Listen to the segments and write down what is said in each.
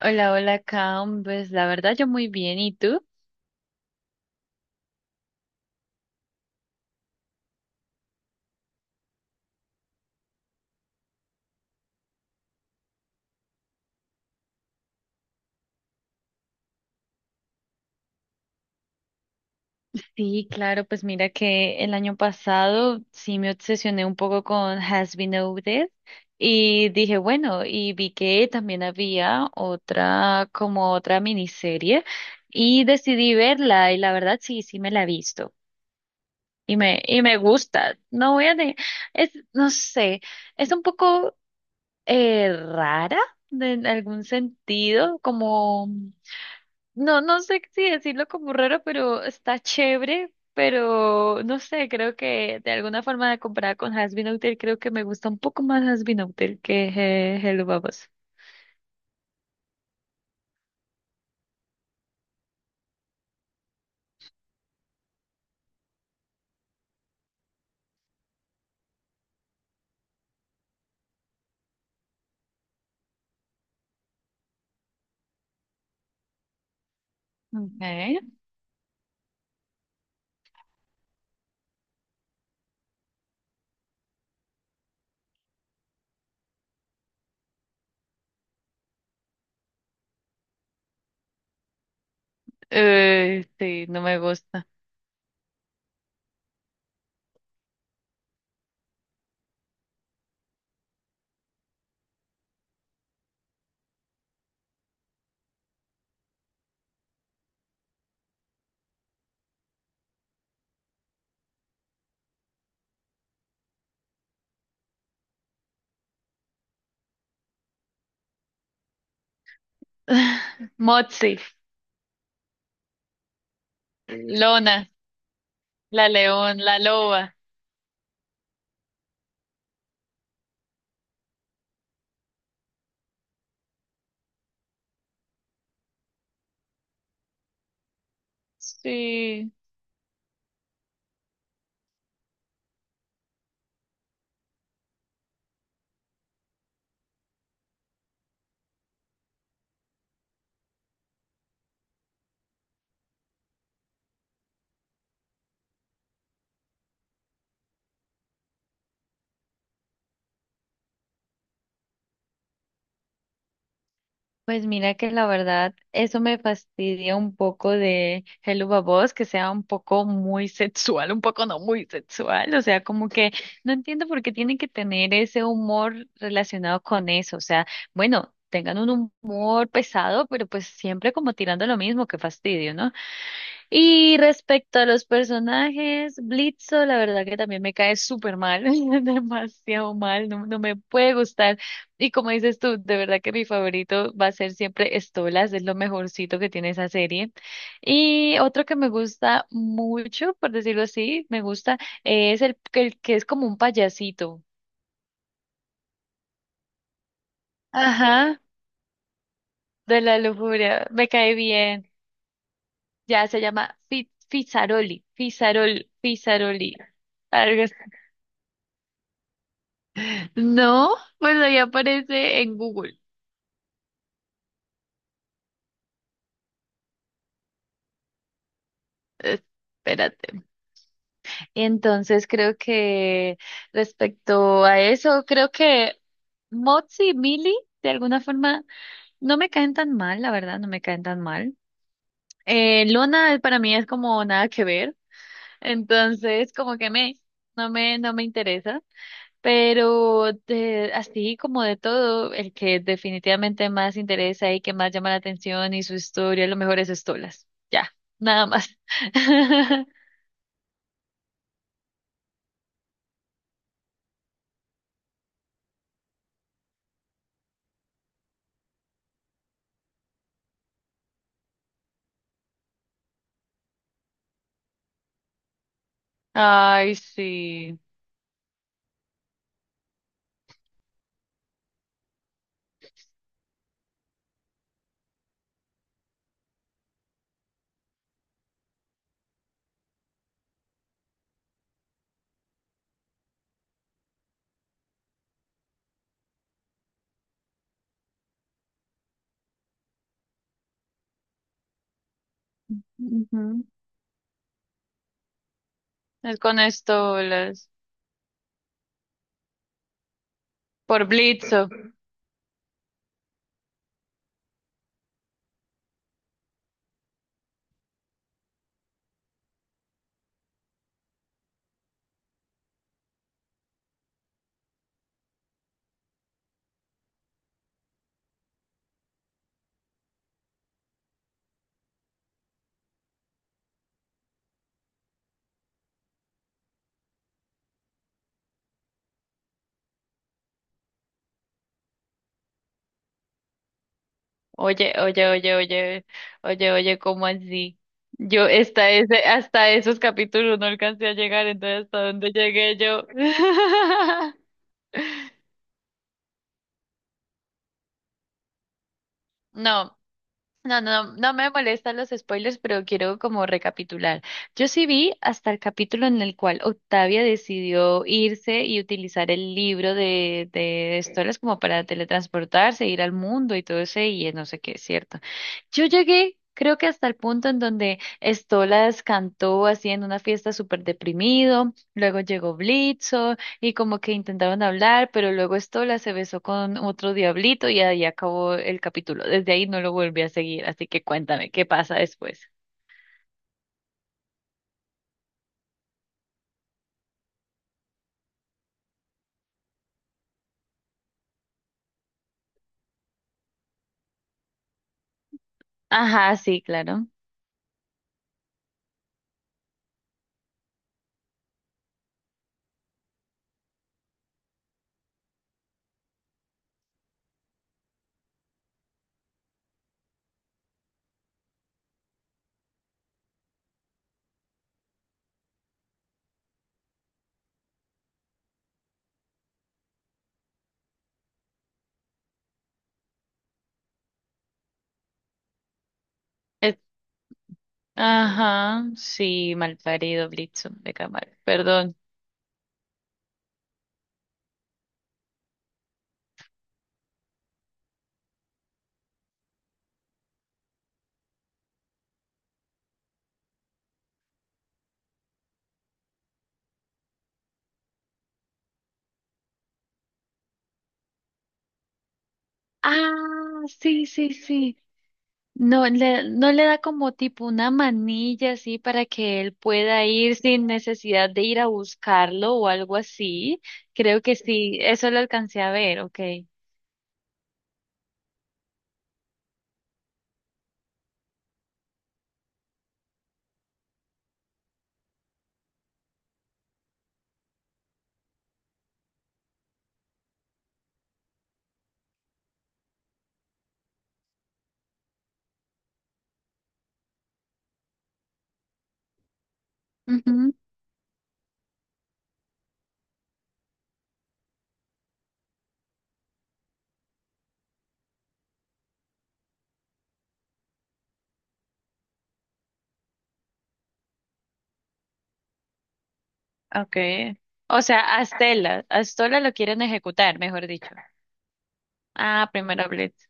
Hola, hola, Cam. Pues la verdad yo muy bien. ¿Y tú? Sí, claro, pues mira que el año pasado sí me obsesioné un poco con Has Been Noted y dije, bueno, y vi que también había otra, como otra miniserie y decidí verla y la verdad sí, sí me la he visto y me gusta. No voy a de, es, no sé, es un poco rara en algún sentido, como... No, no sé si decirlo como raro, pero está chévere, pero no sé, creo que de alguna forma comparada con Has Been Hotel, creo que me gusta un poco más Has Been Hotel que Hello Babos. Okay. Sí, no me gusta. Motsi, Lona, la león, la loba. Sí. Pues mira que la verdad, eso me fastidia un poco de Hello Babos, que sea un poco muy sexual, un poco no muy sexual, o sea, como que no entiendo por qué tienen que tener ese humor relacionado con eso, o sea, bueno, tengan un humor pesado, pero pues siempre como tirando lo mismo, qué fastidio, ¿no? Y respecto a los personajes, Blitzo, la verdad que también me cae súper mal, demasiado mal, no, no me puede gustar. Y como dices tú, de verdad que mi favorito va a ser siempre Stolas, es lo mejorcito que tiene esa serie. Y otro que me gusta mucho, por decirlo así, me gusta, es el que es como un payasito. Ajá, de la lujuria, me cae bien. Ya se llama Fizaroli, Fizarol, Fizaroli. No, pues ahí aparece en Google. Espérate. Entonces creo que respecto a eso, creo que Mozzi y Millie de alguna forma no me caen tan mal, la verdad, no me caen tan mal. Luna para mí es como nada que ver, entonces no no me interesa. Pero así como de todo, el que definitivamente más interesa y que más llama la atención y su historia, lo mejor es Estolas. Ya, nada más. Ay, sí. Ujú. Es con estolas. Por Blitzo. Oye, oye, oye, oye, oye, oye, ¿cómo así? Yo hasta esos capítulos no alcancé a llegar, entonces hasta dónde llegué yo. No, no, no, no me molestan los spoilers, pero quiero como recapitular. Yo sí vi hasta el capítulo en el cual Octavia decidió irse y utilizar el libro de Stolas como para teletransportarse, ir al mundo y todo ese, y no sé qué, es cierto. Yo llegué, creo que hasta el punto en donde Stolas cantó así en una fiesta súper deprimido, luego llegó Blitzo, y como que intentaron hablar, pero luego Estola se besó con otro diablito y ahí acabó el capítulo. Desde ahí no lo volví a seguir, así que cuéntame, ¿qué pasa después? Ajá, sí, claro. Es- ajá, sí, malparido Blitzo de Camargo, perdón. Ah, sí, sí, sí. No le da como tipo una manilla así para que él pueda ir sin necesidad de ir a buscarlo o algo así. Creo que sí, eso lo alcancé a ver, ok. Okay. O sea, a Stella lo quieren ejecutar, mejor dicho. Ah, primero Blitz.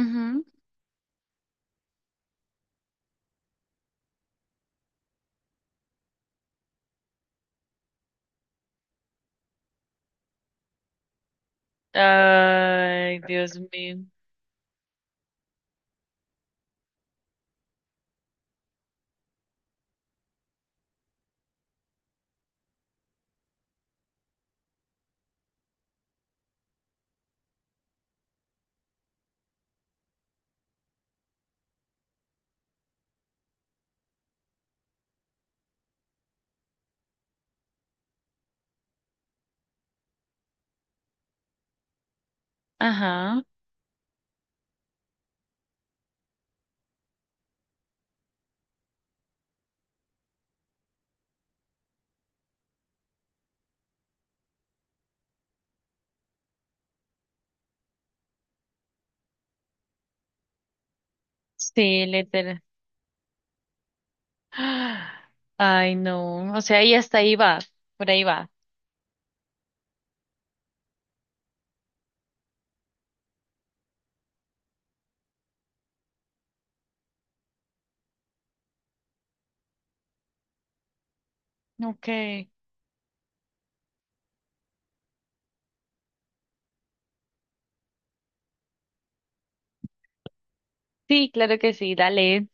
Ujú. Ay, Dios mío. Ajá. Sí, literal. Ah, ay, no. O sea, y hasta ahí va. Por ahí va. Okay. Sí, claro que sí. Dale.